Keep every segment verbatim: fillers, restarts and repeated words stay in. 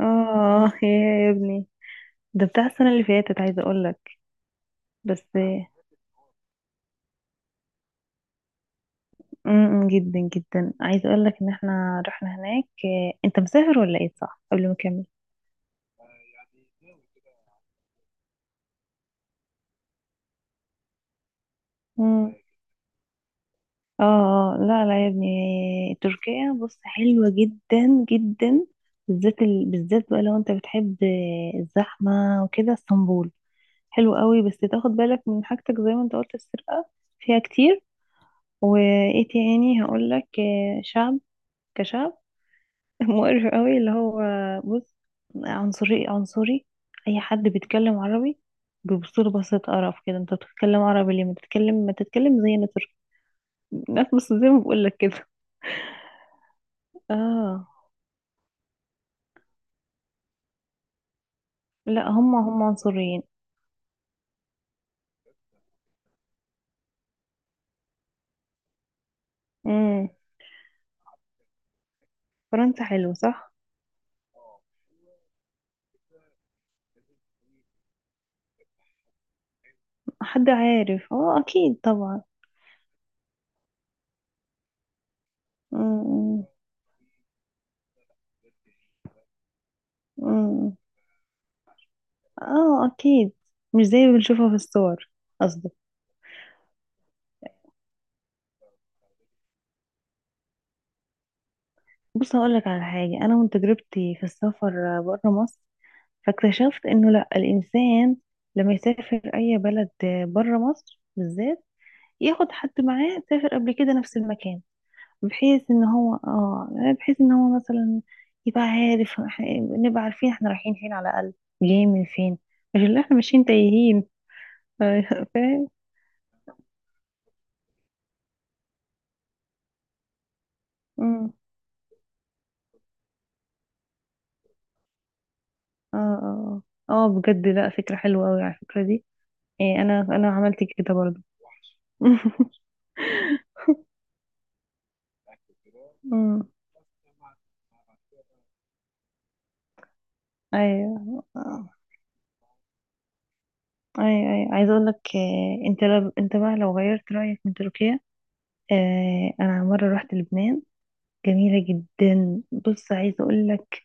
اه، يا يا ابني، ده بتاع السنة اللي فاتت، عايزة اقولك بس. امم جدا جدا عايزة اقولك ان احنا رحنا هناك. آه، انت مسافر ولا ايه؟ صح، قبل ما اكمل. امم. اه، آه، لا لا يا ابني، تركيا بص حلوة جدا جدا. بالذات ال... بالذات بقى لو انت بتحب آه، الزحمة وكده. اسطنبول حلو قوي، بس تاخد بالك من حاجتك زي ما انت قلت السرقة فيها كتير. وايه تاني هقولك؟ آه، شعب كشعب مقرف قوي، اللي هو بص عنصري عنصري. اي حد بيتكلم عربي بيبصله بصة قرف كده، انت بتتكلم عربي ليه؟ ما تتكلم ما تتكلم زينا ترك ناس بس زي ما بقول لك كده. اه، لا هم هم عنصريين. امم. فرنسا حلو، صح؟ حد عارف، اه اكيد طبعا. امم، امم، اه اكيد، مش زي ما بنشوفها في الصور. قصدي بص هقول لك على حاجه، انا من تجربتي في السفر بره مصر، فاكتشفت انه لا، الانسان لما يسافر اي بلد بره مصر بالذات، ياخد حد معاه سافر قبل كده نفس المكان، بحيث ان هو اه يعني بحيث ان هو مثلا يبقى عارف، إح- نبقى عارفين احنا رايحين فين على الاقل، جايين من فين، مش اللي احنا ماشيين تايهين فاهم؟ أمم. اه اه، اه، آه، بجد لا، فكرة حلوة قوي على الفكرة دي. إيه، انا انا عملت كده برضو أمم. ايوه آه. اي، اي، عايزه اقول لك آه، انت، لو انت بقى لو غيرت رايك من تركيا، آه، انا مره رحت لبنان، جميله جدا. بص عايزه اقول لك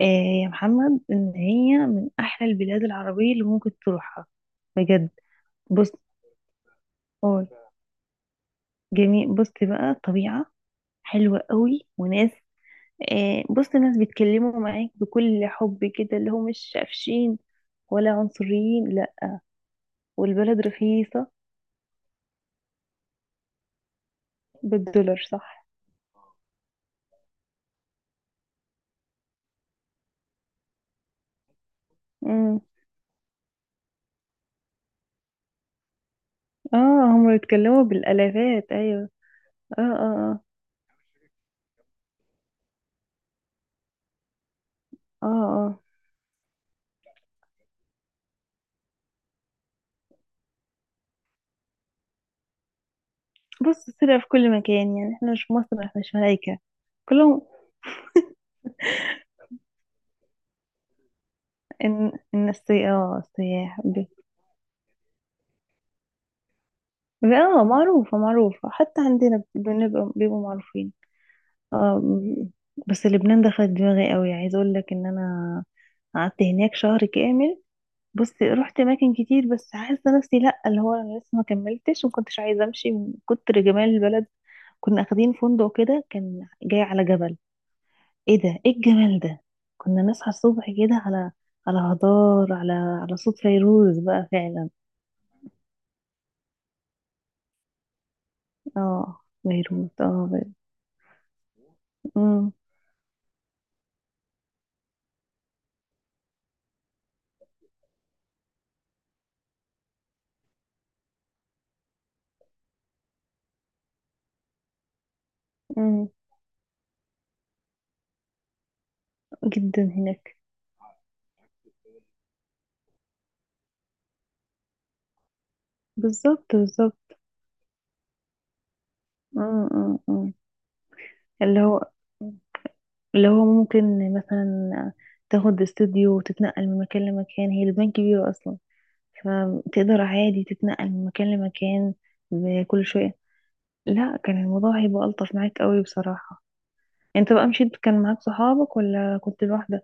آه، يا محمد ان هي من احلى البلاد العربيه اللي ممكن تروحها، بجد. بص اه جميل. بص بقى طبيعه حلوه قوي، وناس، آه، بص ناس بيتكلموا معاك بكل حب كده، اللي هو مش قافشين ولا عنصريين، لا. والبلد رخيصه، بالدولار صح. اه، هم بيتكلموا بالالافات، ايوه. اه، اه، اه، اه، اه، بص، السرقة في كل مكان يعني، احنا مش في مصر احنا مش ملايكة كلهم. ان ان السي اه السياح بي- بي- اه معروفة معروفة حتى عندنا بنبقى بيبقوا معروفين. اه م- بس لبنان دخلت دماغي قوي، عايز اقول لك ان انا قعدت هناك شهر كامل. بص رحت اماكن كتير، بس حاسه نفسي لا، اللي هو انا لسه ما كملتش وما كنتش عايزه امشي من كتر جمال البلد. كنا اخدين فندق كده كان جاي على جبل، ايه ده، ايه الجمال ده. كنا نصحى الصبح كده على على هضار، على على صوت فيروز بقى فعلا. اه فيروز، اه فيروز. أمم، أمم. جدا هناك. بالظبط بالظبط. أمم، أمم، أمم. اللي هو اللي هو ممكن مثلا تاخد استوديو وتتنقل من مكان لمكان، هي البنك كبيرة اصلا، فتقدر عادي تتنقل من مكان لمكان بكل شوية. لا، كان الموضوع هيبقى ألطف معاك قوي بصراحة. انت بقى مشيت كان معاك صحابك ولا كنت لوحدك؟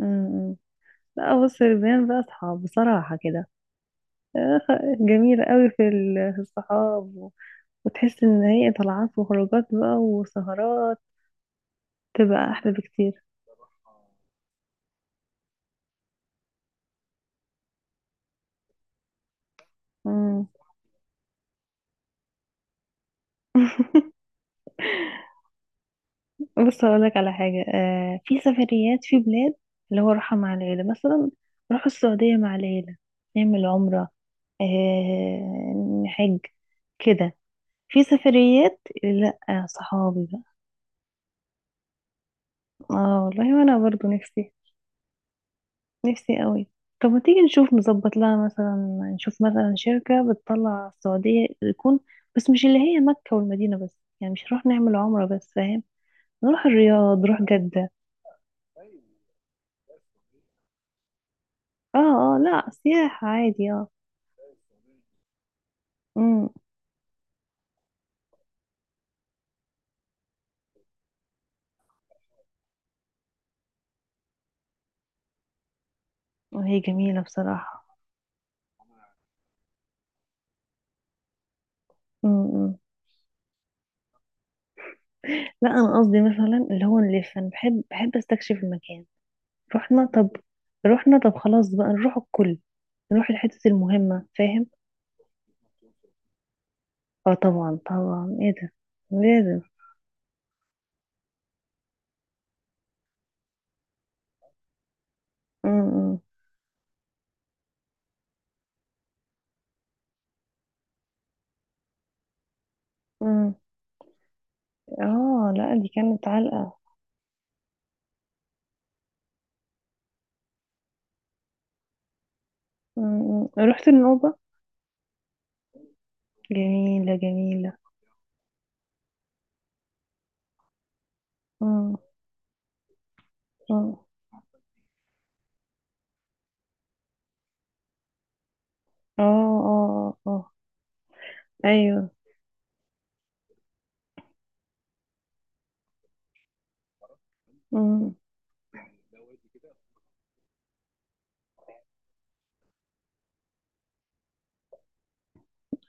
امم. لا بص، البيان بقى صحاب بصراحة كده. آخ، جميلة قوي في ال- في الصحاب، و- وتحس ان هي طلعات وخروجات بقى وسهرات تبقى احلى بكتير. امم. بص اقولك على حاجة، آه في سفريات في بلاد اللي هو راحة مع العيلة، مثلا نروح السعودية مع العيلة، نعمل عمرة، آه نحج كده. في سفريات لا صحابي بقى. اه والله، وانا برضو نفسي، نفسي قوي. طب ما تيجي نشوف، نظبط لها مثلا، نشوف مثلا شركة بتطلع السعودية، يكون بس مش اللي هي مكة والمدينة بس، يعني مش نروح نعمل عمرة بس فاهم؟ نروح الرياض، نروح جدة. اه، اه، لا سياحة عادي، اه. امم، وهي جميلة بصراحة. امم. لا انا قصدي مثلا اللي هو نلف، انا بحب بحب استكشف المكان. رحنا طب، رحنا طب خلاص بقى نروح الكل، نروح الحتت المهمة فاهم؟ اه طبعا طبعا، ايه ده لازم. م- م- م. اه لا، دي كانت علقة. م- م. رحت النوبة، جميلة جميلة. اه، اه، اه، اه، آه. ايوه. مم.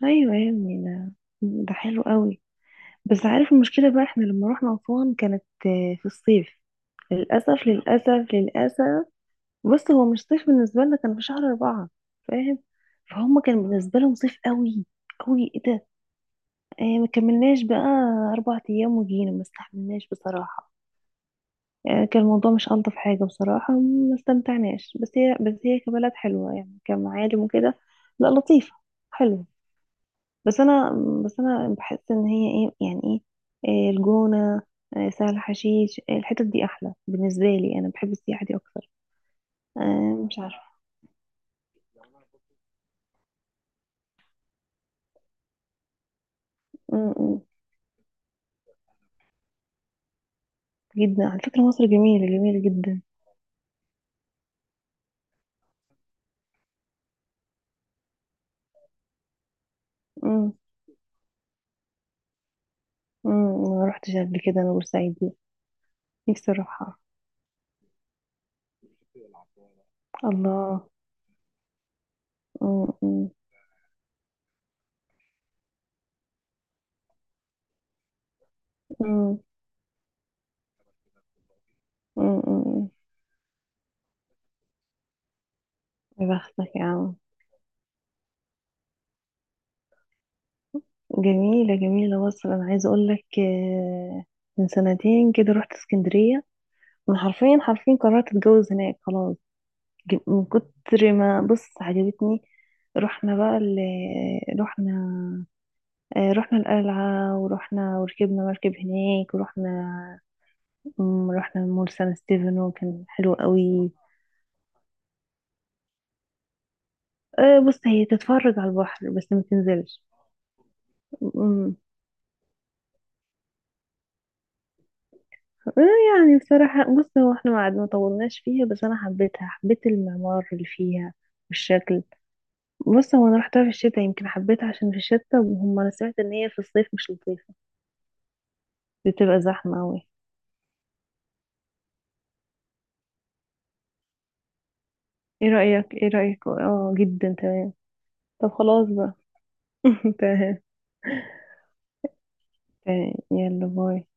ايوه يا ابني، ده، ده حلو قوي. بس عارف المشكله بقى، احنا لما رحنا اسوان كانت آه، في الصيف. للاسف للاسف للاسف. بص هو مش صيف بالنسبة لنا، كان في شهر أربعة فاهم؟ فهم كان بالنسبة لهم صيف قوي قوي، ايه ده. آه، ما كملناش بقى أربع أيام وجينا، ما استحملناش بصراحة. آه، كان الموضوع مش ألطف حاجة، بصراحة ما استمتعناش، بس هي بس هي كبلد حلوة يعني، كمعالم وكده، لا لطيفة حلوة. بس أنا بس أنا بحس إن هي ايه يعني ايه؟ آه الجونة، آه سهل حشيش، آه الحتت دي أحلى بالنسبة لي، أنا بحب السياحة دي أكتر. آه مش عارفة. م- م. جدا، على فكرة مصر جميلة جميلة جدا. امم امم ما رحتش قبل كده انا بورسعيد دي، نفسي اروحها. الله. امم امم امم امم أمم. يا بختك يا عم. جميلة جميلة مصر. انا عايزة اقول لك آه، من سنتين كده رحت اسكندرية، انا حرفيا حرفيا قررت اتجوز هناك خلاص. ج- من كتر ما بص عجبتني. رحنا بقى ال رحنا آه، رحنا القلعة، ورحنا وركبنا مركب هناك، ورحنا. مم، رحنا مول سان ستيفانو كان حلو قوي. أه بص، هي تتفرج على البحر بس ما تنزلش. مم. أه يعني بصراحة بص، هو احنا ما قعد- ما طولناش فيها، بس انا حبيتها، حبيت المعمار اللي فيها والشكل. بص هو انا رحتها في الشتاء يمكن حبيتها عشان في الشتاء، وهم انا سمعت ان هي في الصيف مش لطيفة، بتبقى زحمة قوي. ايه رأيك ايه رأيك، اه جدا تمام. طب خلاص بقى تمام. تمام، يلا باي.